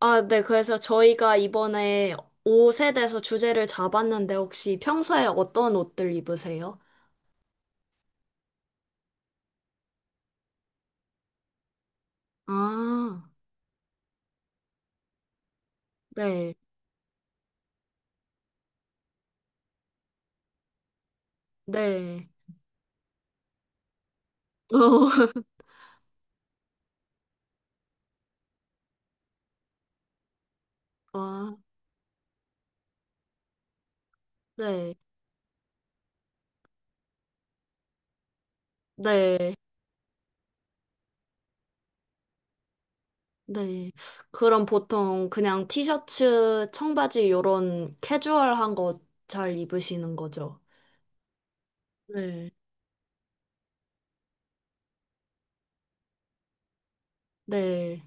아, 네. 그래서 저희가 이번에 옷에 대해서 주제를 잡았는데 혹시 평소에 어떤 옷들 입으세요? 아, 네. 네. 어, 아, 네. 네. 네. 그럼 보통 그냥 티셔츠, 청바지 요런 캐주얼한 거 잘 입으시는 거죠? 네. 네.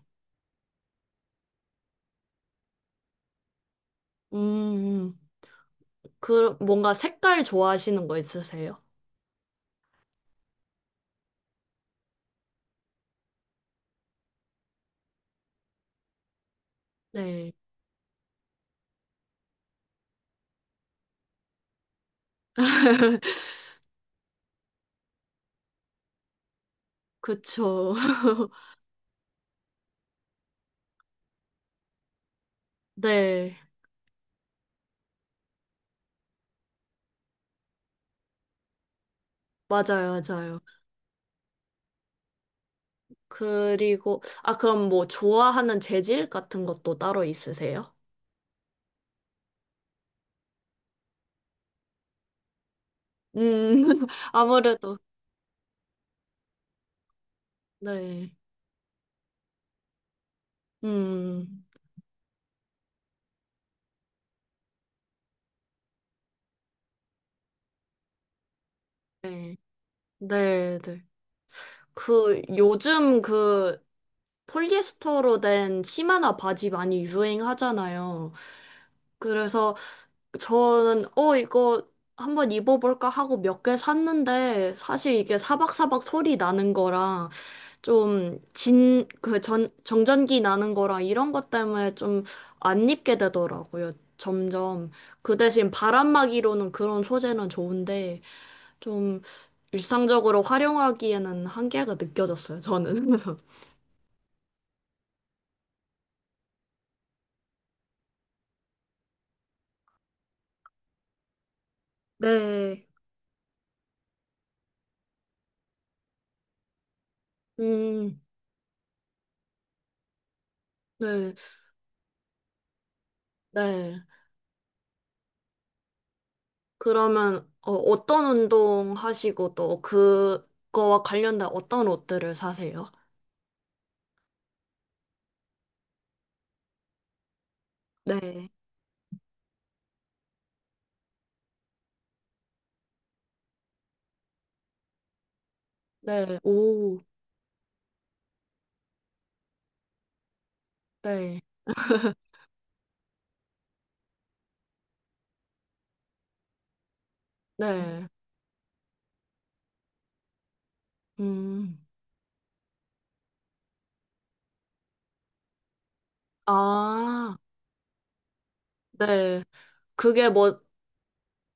음, 음. 그 뭔가 색깔 좋아하시는 거 있으세요? 네. 그쵸. 네. 맞아요, 맞아요. 그리고, 아, 그럼 뭐, 좋아하는 재질 같은 것도 따로 있으세요? 음, 아무래도, 네. 음, 네. 네, 네. 그, 요즘 그, 폴리에스터로 된 치마나 바지 많이 유행하잖아요. 그래서 저는, 이거 한번 입어볼까 하고 몇 개 샀는데, 사실 이게 사박사박 소리 나는 거랑, 좀 정전기 나는 거랑 이런 것 때문에 좀 안 입게 되더라고요. 점점. 그 대신 바람막이로는 그런 소재는 좋은데 좀 일상적으로 활용하기에는 한계가 느껴졌어요, 저는. 네. 음, 네, 네. 그러면 어떤 운동 하시고 또 그거와 관련된 어떤 옷들을 사세요? 네. 네, 오, 네, 네, 음. 아, 네. 그게 뭐,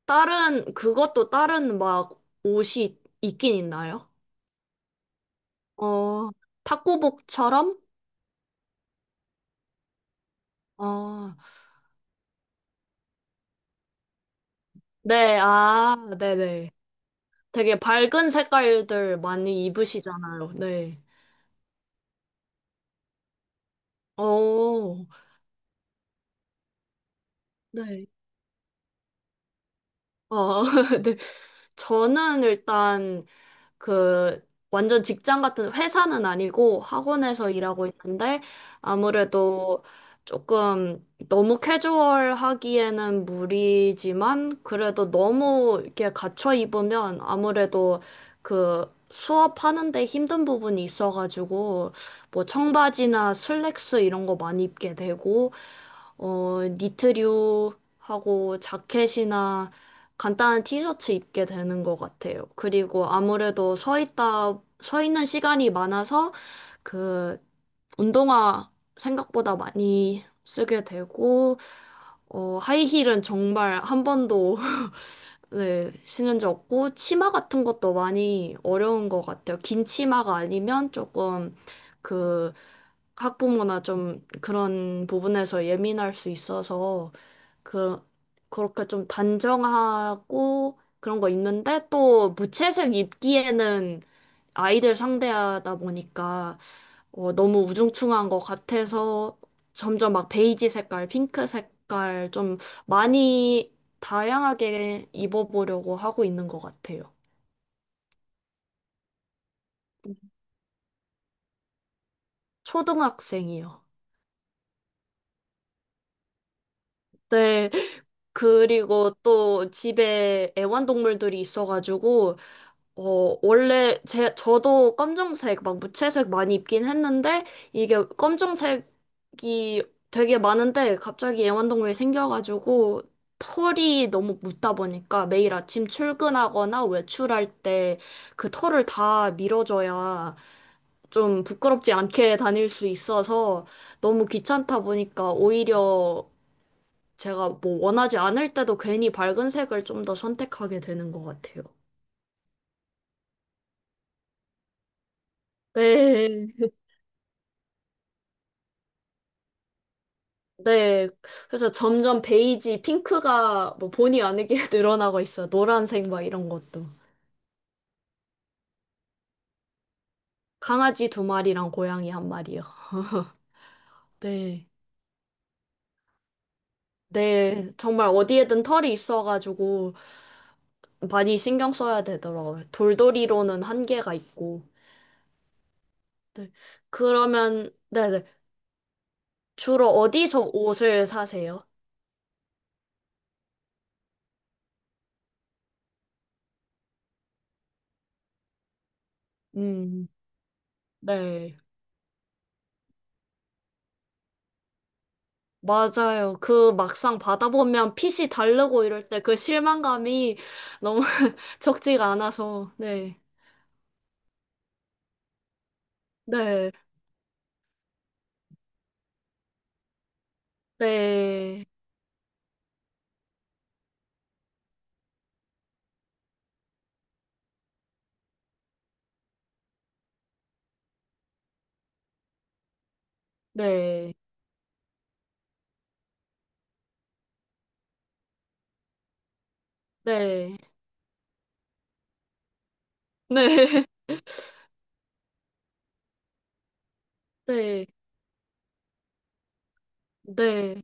그것도 다른 막 옷이 있긴 있나요? 어, 탁구복처럼? 어, 네, 아, 네네. 되게 밝은 색깔들 많이 입으시잖아요. 네. 어, 네. 어, 네. 저는 일단 그 완전 직장 같은 회사는 아니고 학원에서 일하고 있는데 아무래도 조금 너무 캐주얼하기에는 무리지만 그래도 너무 이렇게 갖춰 입으면 아무래도 그 수업하는 데 힘든 부분이 있어가지고 뭐 청바지나 슬랙스 이런 거 많이 입게 되고 니트류하고 자켓이나 간단한 티셔츠 입게 되는 것 같아요. 그리고 아무래도 서 있는 시간이 많아서 그 운동화 생각보다 많이 쓰게 되고, 하이힐은 정말 한 번도 네, 신은없고 치마 같은 것도 많이 어려운 것 같아요. 긴 치마가 아니면 조금 그 학부모나 좀 그런 부분에서 예민할 수 있어서 그, 그렇게 좀 단정하고 그런 거 입는데 또 무채색 입기에는 아이들 상대하다 보니까 너무 우중충한 것 같아서 점점 막 베이지 색깔, 핑크 색깔 좀 많이 다양하게 입어보려고 하고 있는 것 같아요. 초등학생이요. 네. 그리고 또 집에 애완동물들이 있어가지고, 원래 저도 검정색, 막 무채색 많이 입긴 했는데, 이게 검정색이 되게 많은데, 갑자기 애완동물이 생겨가지고, 털이 너무 묻다 보니까 매일 아침 출근하거나 외출할 때 그 털을 다 밀어줘야 좀 부끄럽지 않게 다닐 수 있어서 너무 귀찮다 보니까 오히려 제가 뭐 원하지 않을 때도 괜히 밝은 색을 좀 더 선택하게 되는 것 같아요. 네. 네. 그래서 점점 베이지, 핑크가 뭐 본의 아니게 늘어나고 있어요. 노란색 막 이런 것도. 강아지 두 마리랑 고양이 한 마리요. 네. 네. 정말 어디에든 털이 있어가지고 많이 신경 써야 되더라고요. 돌돌이로는 한계가 있고. 네. 그러면, 네네. 주로 어디서 옷을 사세요? 음, 네, 맞아요. 그 막상 받아보면 핏이 다르고 이럴 때 그 실망감이 너무 적지가 않아서, 네, 네, 네, 네, 네, 네, 네, 네.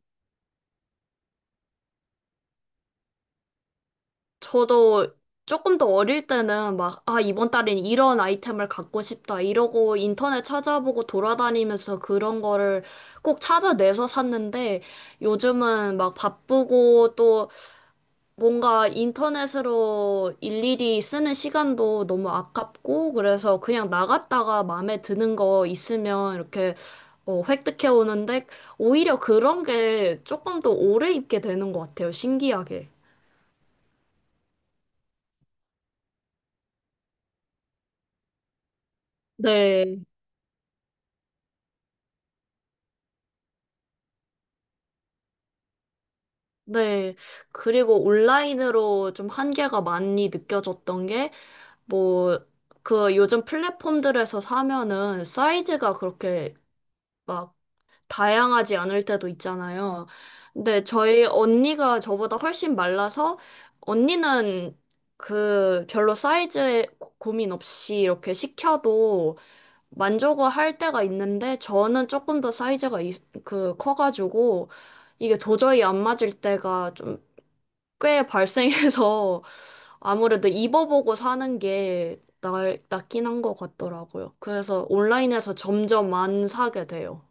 저도 조금 더 어릴 때는 막, 아, 이번 달엔 이런 아이템을 갖고 싶다. 이러고 인터넷 찾아보고 돌아다니면서 그런 거를 꼭 찾아내서 샀는데 요즘은 막 바쁘고 또 뭔가 인터넷으로 일일이 쓰는 시간도 너무 아깝고 그래서 그냥 나갔다가 마음에 드는 거 있으면 이렇게 획득해 오는데 오히려 그런 게 조금 더 오래 입게 되는 것 같아요. 신기하게. 네. 네. 그리고 온라인으로 좀 한계가 많이 느껴졌던 게, 뭐, 그 요즘 플랫폼들에서 사면은 사이즈가 그렇게 막 다양하지 않을 때도 있잖아요. 근데 저희 언니가 저보다 훨씬 말라서, 언니는 그 별로 사이즈에 고민 없이 이렇게 시켜도 만족을 할 때가 있는데, 저는 조금 더 사이즈가 그 커가지고, 이게 도저히 안 맞을 때가 좀 꽤 발생해서 아무래도 입어보고 사는 게 낫긴 한 것 같더라고요. 그래서 온라인에서 점점 안 사게 돼요.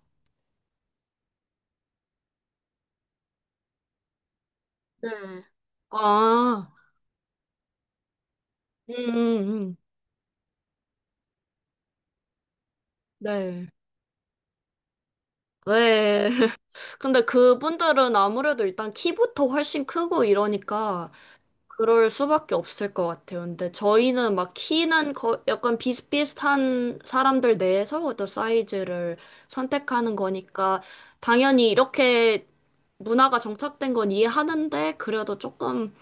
네. 아, 음, 음, 음. 네. 네. 근데 그분들은 아무래도 일단 키부터 훨씬 크고 이러니까 그럴 수밖에 없을 것 같아요. 근데 저희는 막 키는 거, 약간 비슷비슷한 사람들 내에서 또 사이즈를 선택하는 거니까 당연히 이렇게 문화가 정착된 건 이해하는데 그래도 조금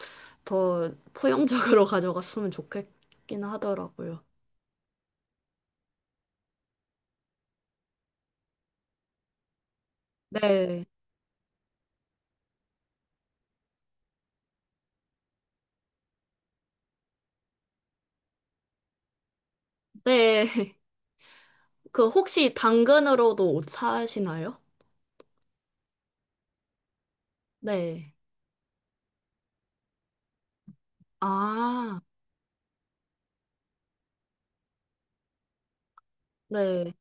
더 포용적으로 가져갔으면 좋겠긴 하더라고요. 네. 네. 그 혹시 당근으로도 옷 사시나요? 네. 아, 네.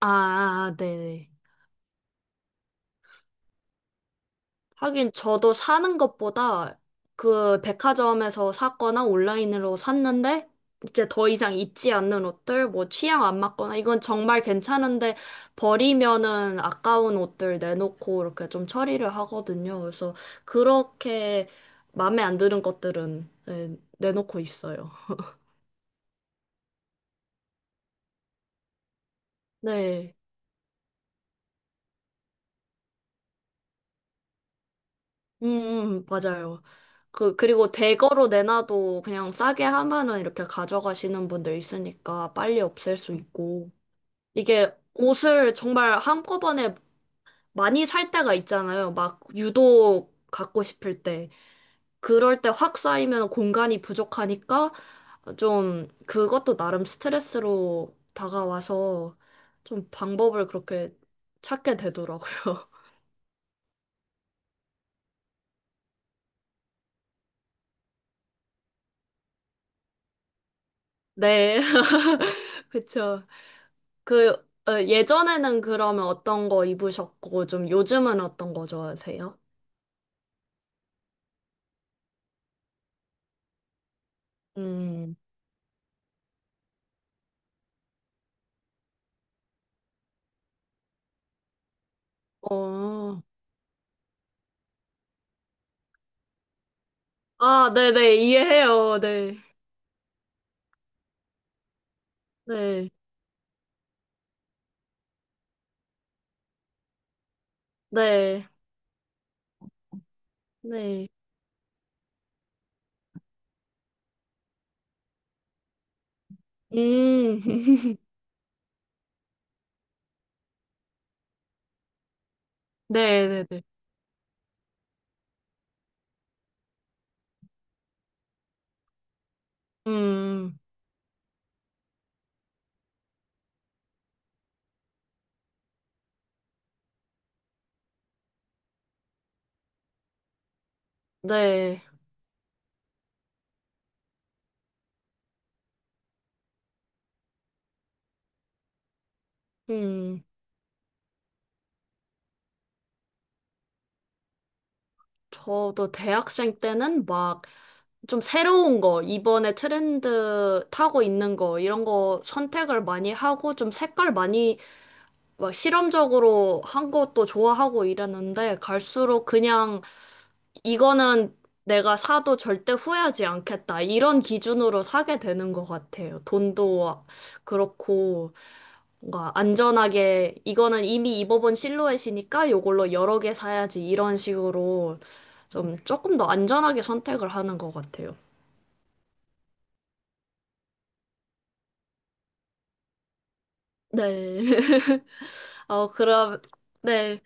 아, 네. 네. 하긴 저도 사는 것보다 그 백화점에서 샀거나 온라인으로 샀는데 이제 더 이상 입지 않는 옷들, 뭐 취향 안 맞거나 이건 정말 괜찮은데 버리면은 아까운 옷들 내놓고 이렇게 좀 처리를 하거든요. 그래서 그렇게 마음에 안 드는 것들은 네, 내놓고 있어요. 네. 음, 맞아요. 그리고 대거로 내놔도 그냥 싸게 하면은 이렇게 가져가시는 분들 있으니까 빨리 없앨 수 있고. 이게 옷을 정말 한꺼번에 많이 살 때가 있잖아요. 막 유독 갖고 싶을 때. 그럴 때 확 쌓이면 공간이 부족하니까 좀 그것도 나름 스트레스로 다가와서 좀 방법을 그렇게 찾게 되더라고요. 네. 그쵸. 그, 예전에는 그러면 어떤 거 입으셨고, 좀 요즘은 어떤 거 좋아하세요? 음, 어. 아, 네네, 이해해요. 네. 네, 네, 네, 음, 네, 네, 네. 음, 네, 음. 저도 대학생 때는 막 좀 새로운 거, 이번에 트렌드 타고 있는 거, 이런 거 선택을 많이 하고 좀 색깔 많이 막 실험적으로 한 것도 좋아하고 이랬는데 갈수록 그냥 이거는 내가 사도 절대 후회하지 않겠다. 이런 기준으로 사게 되는 것 같아요. 돈도 그렇고. 뭔가 안전하게 이거는 이미 입어본 실루엣이니까 요걸로 여러 개 사야지 이런 식으로 좀 조금 더 안전하게 선택을 하는 것 같아요. 네. 어, 그럼, 네.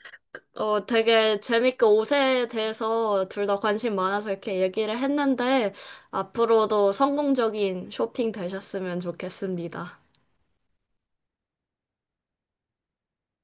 되게 재밌게 옷에 대해서 둘 다 관심 많아서 이렇게 얘기를 했는데, 앞으로도 성공적인 쇼핑 되셨으면 좋겠습니다.